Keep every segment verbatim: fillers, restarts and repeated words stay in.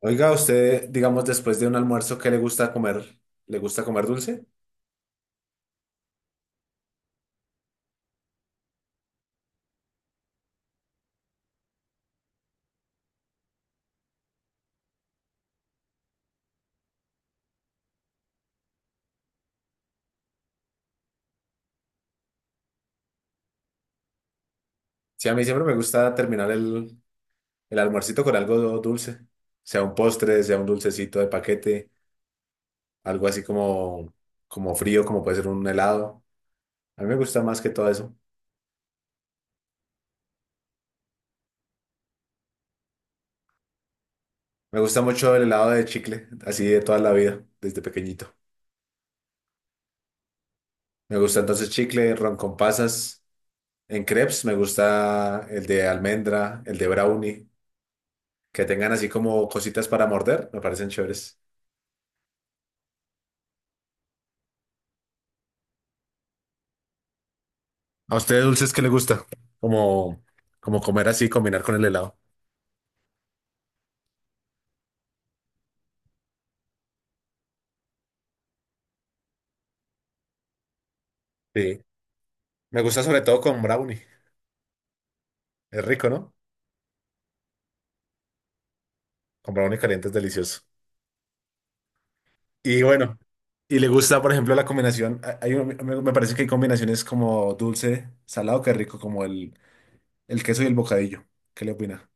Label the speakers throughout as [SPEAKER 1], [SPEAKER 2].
[SPEAKER 1] Oiga, usted, digamos, después de un almuerzo, ¿qué le gusta comer? ¿Le gusta comer dulce? Sí, a mí siempre me gusta terminar el, el almuercito con algo dulce, sea un postre, sea un dulcecito de paquete, algo así como, como frío, como puede ser un helado. A mí me gusta más que todo eso. Me gusta mucho el helado de chicle, así de toda la vida, desde pequeñito. Me gusta entonces chicle, ron con pasas. En crepes me gusta el de almendra, el de brownie, que tengan así como cositas para morder, me parecen chéveres. ¿A usted de dulces qué le gusta? Como, como comer así, combinar con el helado. Sí. Me gusta sobre todo con brownie. Es rico, ¿no? Con brownie caliente es delicioso. Y bueno, y le gusta, por ejemplo, la combinación. A- hay un- me, me parece que hay combinaciones como dulce, salado, que es rico, como el, el queso y el bocadillo. ¿Qué le opina?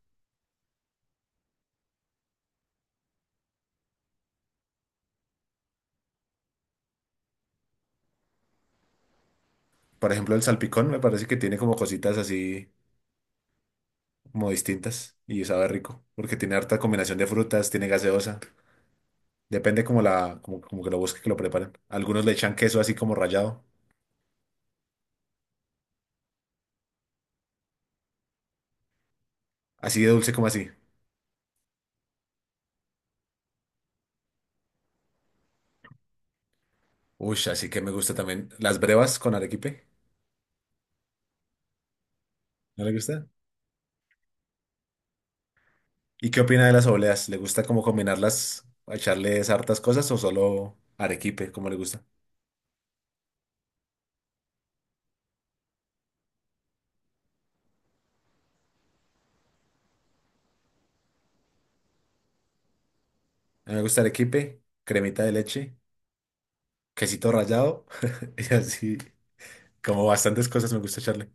[SPEAKER 1] Por ejemplo, el salpicón me parece que tiene como cositas así como distintas y sabe rico, porque tiene harta combinación de frutas, tiene gaseosa. Depende como la, como, como que lo busque, que lo preparen. Algunos le echan queso así como rallado. Así de dulce como así. Uy, así que me gusta también. Las brevas con arequipe. ¿No le gusta? ¿Y qué opina de las obleas? ¿Le gusta como combinarlas, echarles hartas cosas o solo arequipe? ¿Cómo le gusta? A mí me gusta arequipe, cremita de leche, quesito rallado y así como bastantes cosas me gusta echarle.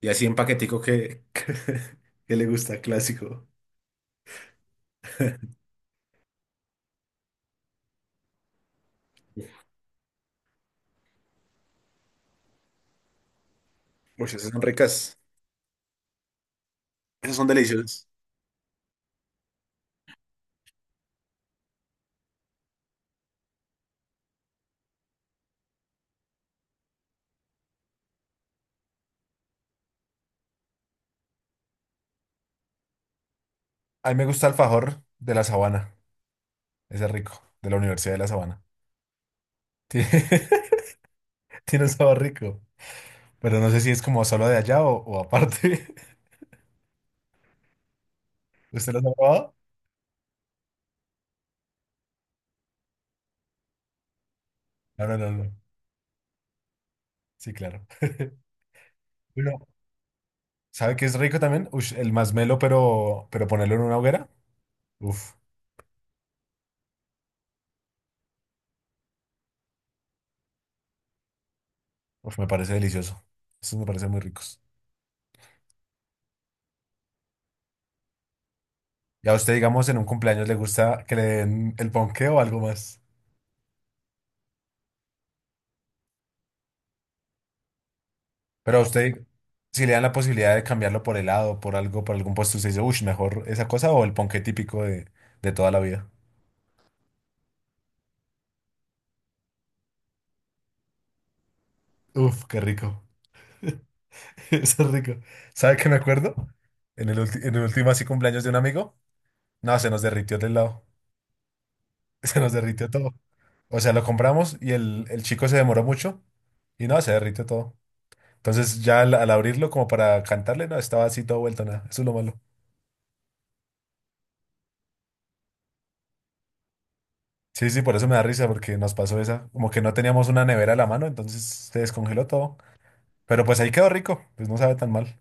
[SPEAKER 1] Y así en paquetico que, que le gusta, clásico. Uy, esas son ricas. Esas son deliciosas. A mí me gusta el alfajor de la Sabana. Ese es rico, de la Universidad de la Sabana. Sí. Sí, no estaba rico. Pero no sé si es como solo de allá o, o aparte. ¿Usted lo ha probado? No, no, no, no. Sí, claro. Bueno, ¿sabe qué es rico también? Ush, el masmelo, pero, pero ponerlo en una hoguera. Uf, uf, me parece delicioso. Esos me parecen muy ricos. Y a usted, digamos, en un cumpleaños le gusta que le den el ponqué o algo más. Pero a usted, si le dan la posibilidad de cambiarlo por helado, por algo, por algún postre, usted dice, uff, mejor esa cosa o el ponqué típico de, de toda la vida. Uf, qué rico. Eso es rico. ¿Sabe qué me acuerdo? En el, ulti- en el último así cumpleaños de un amigo, no, se nos derritió el helado. Se nos derritió todo. O sea, lo compramos y el, el chico se demoró mucho y no, se derritió todo. Entonces ya al, al abrirlo como para cantarle, no, estaba así todo vuelto, nada. Eso es lo malo. Sí, sí, por eso me da risa porque nos pasó esa. Como que no teníamos una nevera a la mano, entonces se descongeló todo. Pero pues ahí quedó rico, pues no sabe tan mal.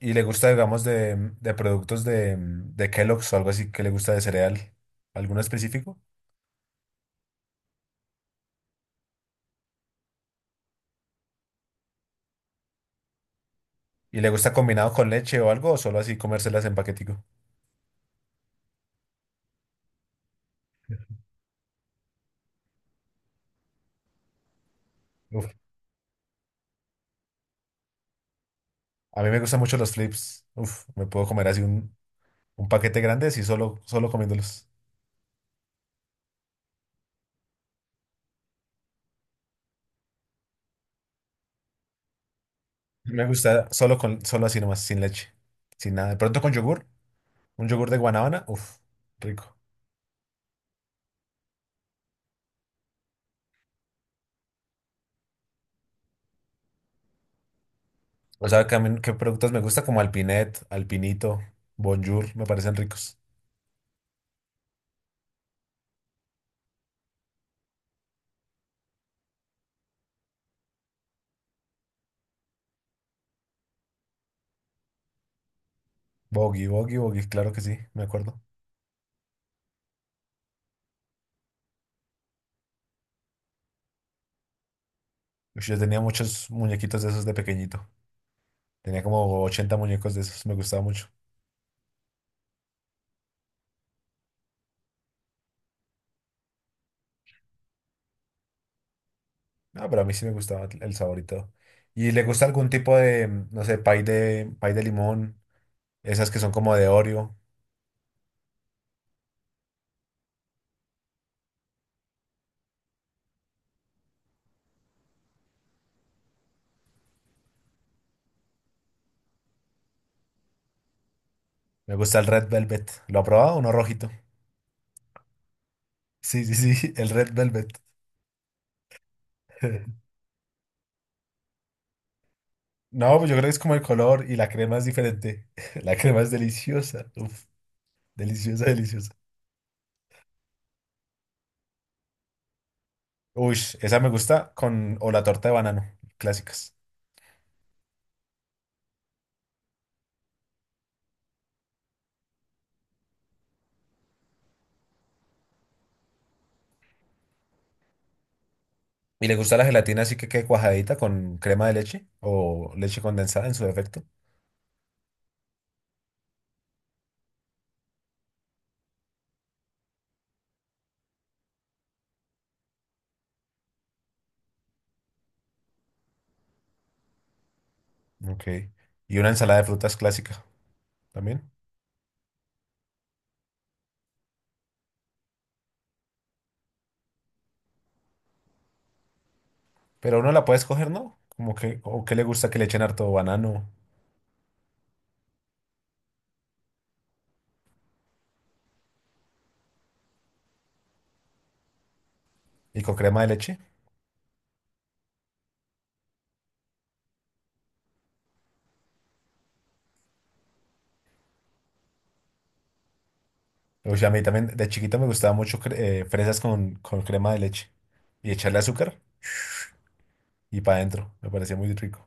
[SPEAKER 1] Y le gusta, digamos, de, de productos de, de Kellogg's o algo así que le gusta de cereal. ¿Alguno específico? ¿Y le gusta combinado con leche o algo o solo así comérselas en paquetico? Uf, a mí me gustan mucho los flips. Uf, me puedo comer así un, un paquete grande así solo, solo comiéndolos. Me gusta solo con, solo así nomás, sin leche, sin nada. De pronto con yogur, un yogur de guanábana, uf, rico. O sea, que a mí, ¿qué productos me gusta? Como Alpinet, Alpinito, Bonjour, me parecen ricos. Bogi, Bogi, Bogi, claro que sí, me acuerdo. Uf, yo tenía muchos muñequitos de esos de pequeñito. Tenía como ochenta muñecos de esos, me gustaba mucho. No, pero a mí sí me gustaba el saborito. ¿Y le gusta algún tipo de, no sé, pay de, pay de limón? Esas que son como de Oreo. Me gusta el Red Velvet. ¿Lo ha probado? Uno rojito. Sí, sí, sí, el Red Velvet. No, pues yo creo que es como el color y la crema es diferente. La crema es deliciosa. Uf, deliciosa, deliciosa. Uy, esa me gusta con, o la torta de banano, clásicas. ¿Y le gusta la gelatina así que quede cuajadita con crema de leche o leche condensada en su defecto? Ok. Y una ensalada de frutas clásica. También. Pero uno la puede escoger, ¿no? Como que, o que le gusta que le echen harto banano y con crema de leche. O sea, a mí también de chiquito me gustaba mucho cre- eh, fresas con, con crema de leche y echarle azúcar y para adentro. Me parecía muy rico.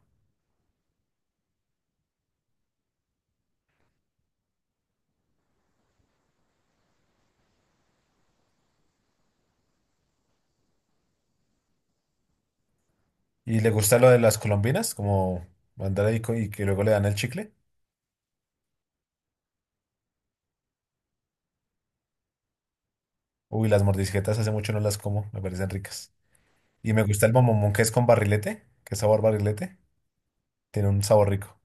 [SPEAKER 1] ¿Y le gusta lo de las colombinas? Como mandar ahí co- y que luego le dan el chicle. Uy, las mordisquetas hace mucho no las como, me parecen ricas. Y me gusta el mamomón que es con barrilete, que es sabor barrilete. Tiene un sabor rico.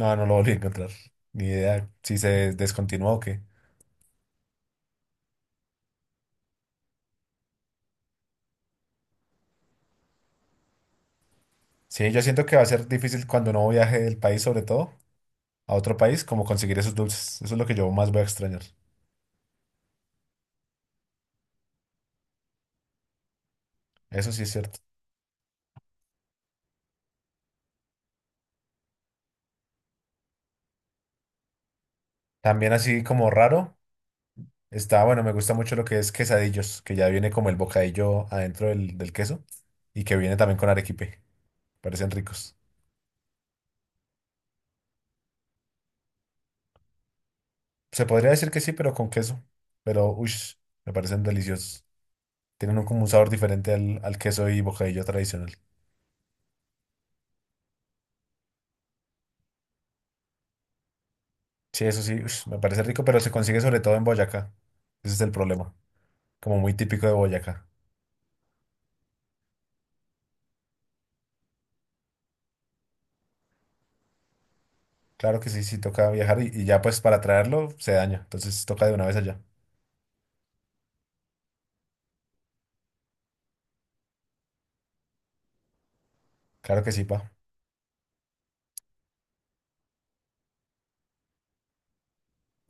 [SPEAKER 1] No, no lo volví a encontrar. Ni idea si se descontinuó o qué. Sí, yo siento que va a ser difícil cuando uno viaje del país, sobre todo a otro país, como conseguir esos dulces. Eso es lo que yo más voy a extrañar. Eso sí es cierto. También así como raro, está, bueno, me gusta mucho lo que es quesadillos, que ya viene como el bocadillo adentro del, del queso y que viene también con arequipe. Parecen ricos. Se podría decir que sí, pero con queso. Pero, uy, me parecen deliciosos. Tienen un, como un sabor diferente al, al queso y bocadillo tradicional. Sí, eso sí, ush, me parece rico, pero se consigue sobre todo en Boyacá. Ese es el problema. Como muy típico de Boyacá. Claro que sí, sí toca viajar y, y ya pues para traerlo se daña. Entonces toca de una vez allá. Claro que sí, pa.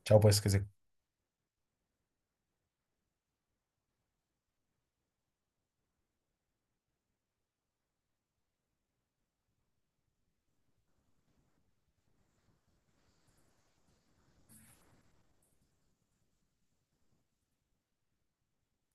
[SPEAKER 1] Chao pues, que se